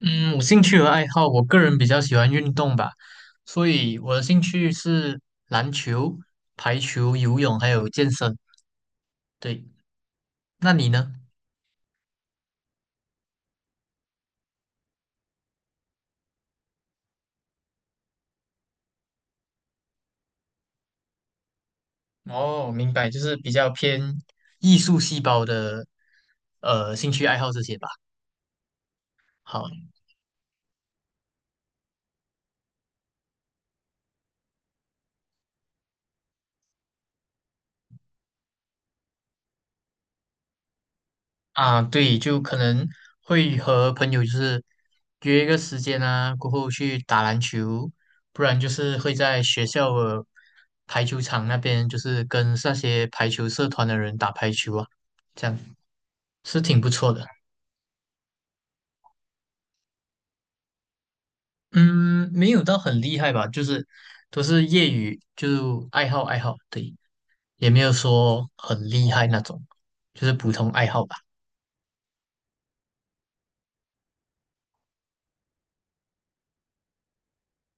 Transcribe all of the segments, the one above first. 嗯，我兴趣和爱好，我个人比较喜欢运动吧，所以我的兴趣是篮球、排球、游泳还有健身。对，那你呢？哦，明白，就是比较偏艺术细胞的兴趣爱好这些吧。好，啊，对，就可能会和朋友就是约一个时间啊，过后去打篮球，不然就是会在学校的排球场那边，就是跟那些排球社团的人打排球啊，这样是挺不错的。嗯，没有到很厉害吧，就是都是业余，就爱好爱好，对，也没有说很厉害那种，就是普通爱好吧。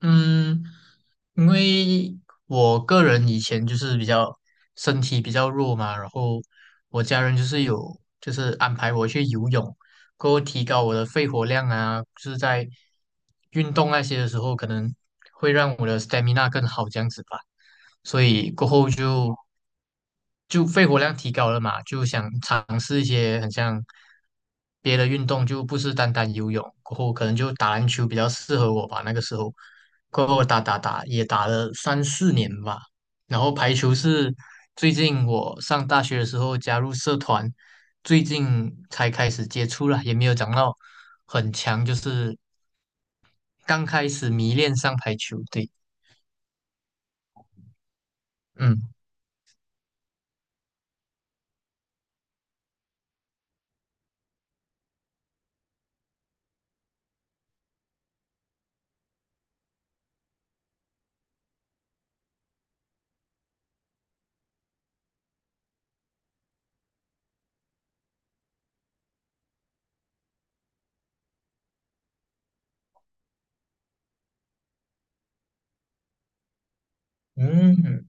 嗯，因为我个人以前就是比较身体比较弱嘛，然后我家人就是有就是安排我去游泳，过后提高我的肺活量啊，就是在运动那些的时候，可能会让我的 stamina 更好这样子吧。所以过后就肺活量提高了嘛，就想尝试一些很像别的运动，就不是单单游泳。过后可能就打篮球比较适合我吧，那个时候，过后打也打了三四年吧。然后排球是最近我上大学的时候加入社团，最近才开始接触了，也没有长到很强，就是刚开始迷恋上排球。对，嗯嗯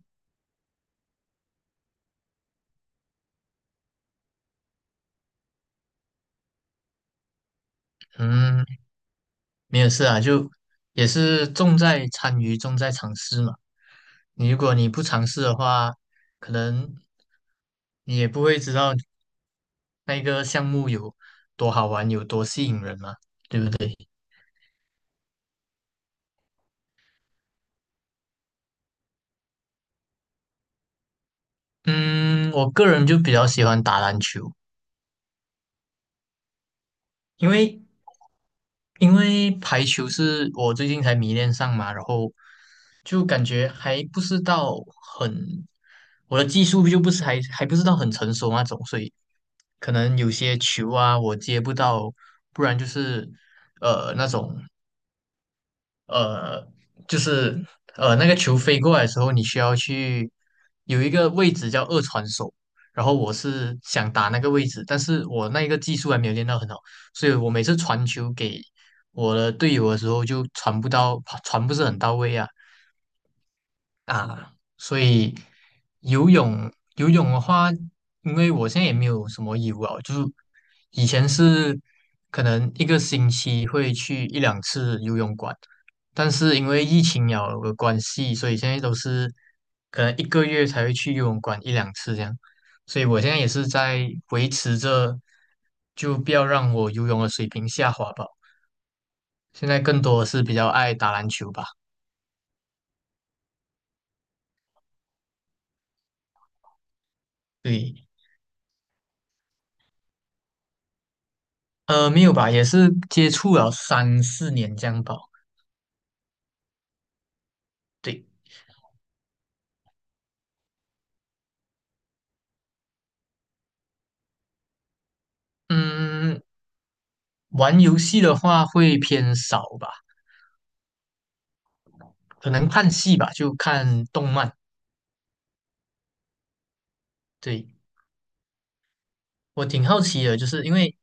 嗯。没有事啊，就也是重在参与，重在尝试嘛。你如果不尝试的话，可能你也不会知道那个项目有多好玩，有多吸引人嘛。嗯，我个人就比较喜欢打篮球，因为因为排球是我最近才迷恋上嘛，然后就感觉还不是到很，我的技术就不是还不是到很成熟那种，所以可能有些球啊我接不到，不然就是那种呃就是那个球飞过来的时候，你需要去有一个位置叫二传手，然后我是想打那个位置，但是我那一个技术还没有练到很好，所以我每次传球给我的队友的时候就传不到，传不是很到位啊。啊，所以游泳的话，因为我现在也没有什么义务啊，就是以前是可能一个星期会去一两次游泳馆，但是因为疫情有的关系，所以现在都是可能一个月才会去游泳馆一两次这样，所以我现在也是在维持着，就不要让我游泳的水平下滑吧。现在更多的是比较爱打篮球吧，对。呃，没有吧，也是接触了三四年这样吧。对，嗯，玩游戏的话会偏少吧，可能看戏吧，就看动漫。对，我挺好奇的，就是因为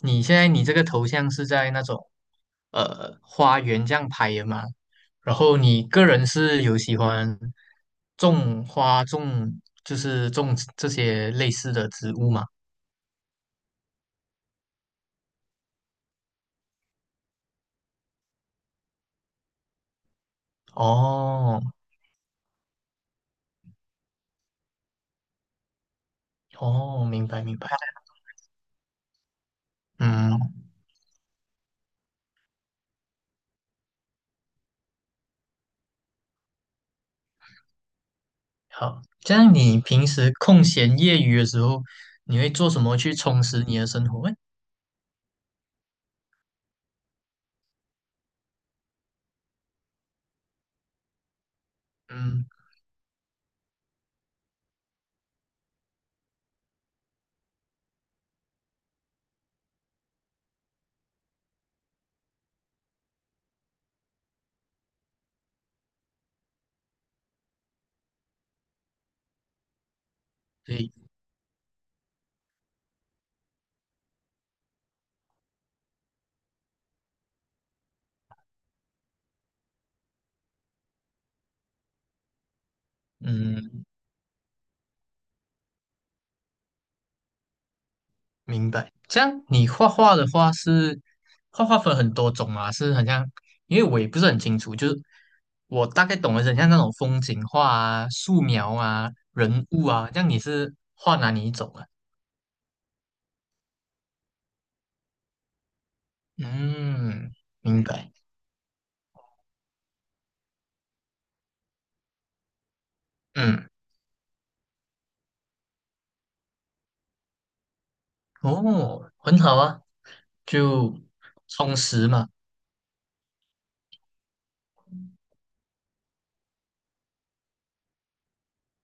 你现在你这个头像是在那种花园这样拍的嘛，然后你个人是有喜欢种花种，就是种这些类似的植物嘛？哦，哦，明白明白，嗯。好，这样你平时空闲业余的时候，你会做什么去充实你的生活？嗯，对，嗯，明白。这样你画画的话是画画分很多种啊，是很像，因为我也不是很清楚，就是我大概懂的是很像那种风景画啊、素描啊、人物啊。这样你是画哪里一种啊？嗯，明白。嗯，哦，很好啊，就充实嘛。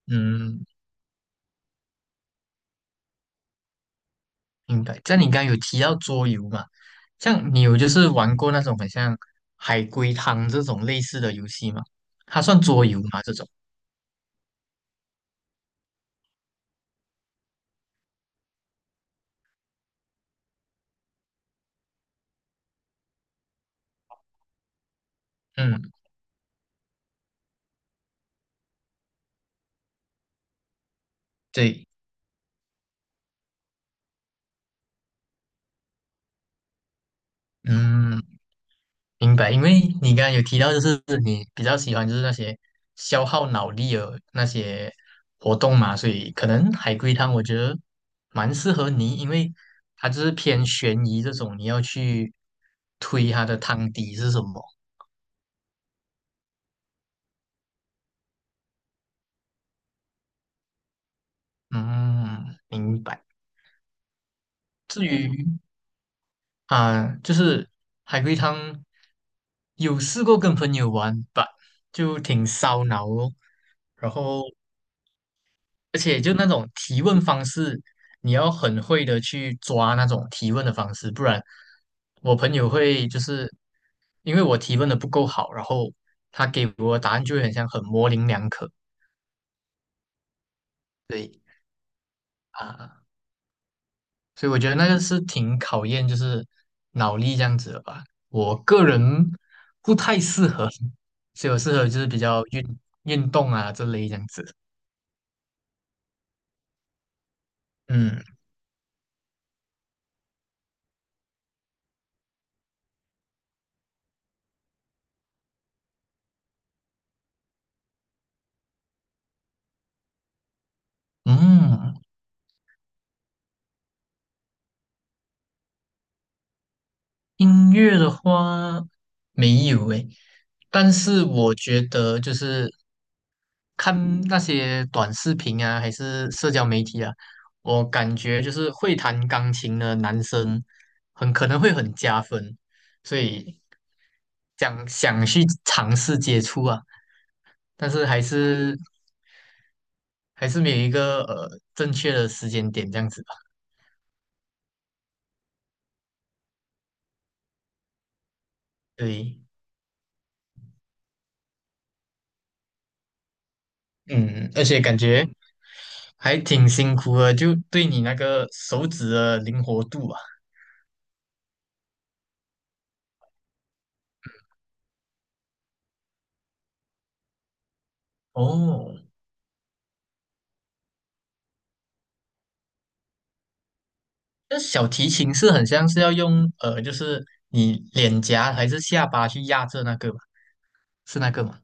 嗯。明白。像你刚刚有提到桌游嘛，像你有就是玩过那种很像海龟汤这种类似的游戏吗？它算桌游吗？这种？嗯，对，嗯，明白。因为你刚刚有提到，就是你比较喜欢就是那些消耗脑力的那些活动嘛，所以可能海龟汤我觉得蛮适合你，因为它就是偏悬疑这种，你要去推它的汤底是什么。嗯，明白。至于啊，就是海龟汤，有试过跟朋友玩吧，就挺烧脑哦。然后，而且就那种提问方式，你要很会的去抓那种提问的方式，不然我朋友会就是因为我提问的不够好，然后他给我的答案就会很像很模棱两可。对啊，所以我觉得那个是挺考验就是脑力这样子的吧。我个人不太适合，所以我适合就是比较运动啊这类这样子。嗯嗯。音乐的话没有诶，但是我觉得就是看那些短视频啊，还是社交媒体啊，我感觉就是会弹钢琴的男生很可能会很加分，所以想想去尝试接触啊，但是还是没有一个正确的时间点这样子吧。对，嗯，而且感觉还挺辛苦的，就对你那个手指的灵活度啊。哦，那小提琴是很像是要用，就是你脸颊还是下巴去压着那个嘛，是那个吗？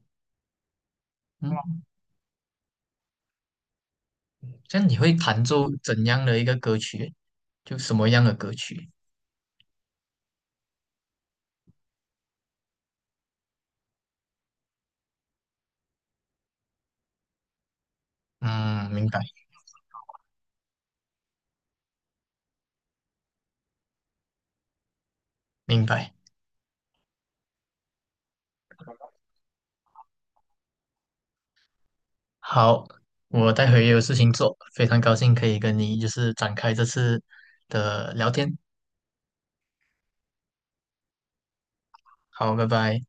嗯，这样你会弹奏怎样的一个歌曲？就什么样的歌曲？嗯，明白明白。好，我待会也有事情做，非常高兴可以跟你就是展开这次的聊天。好，拜拜。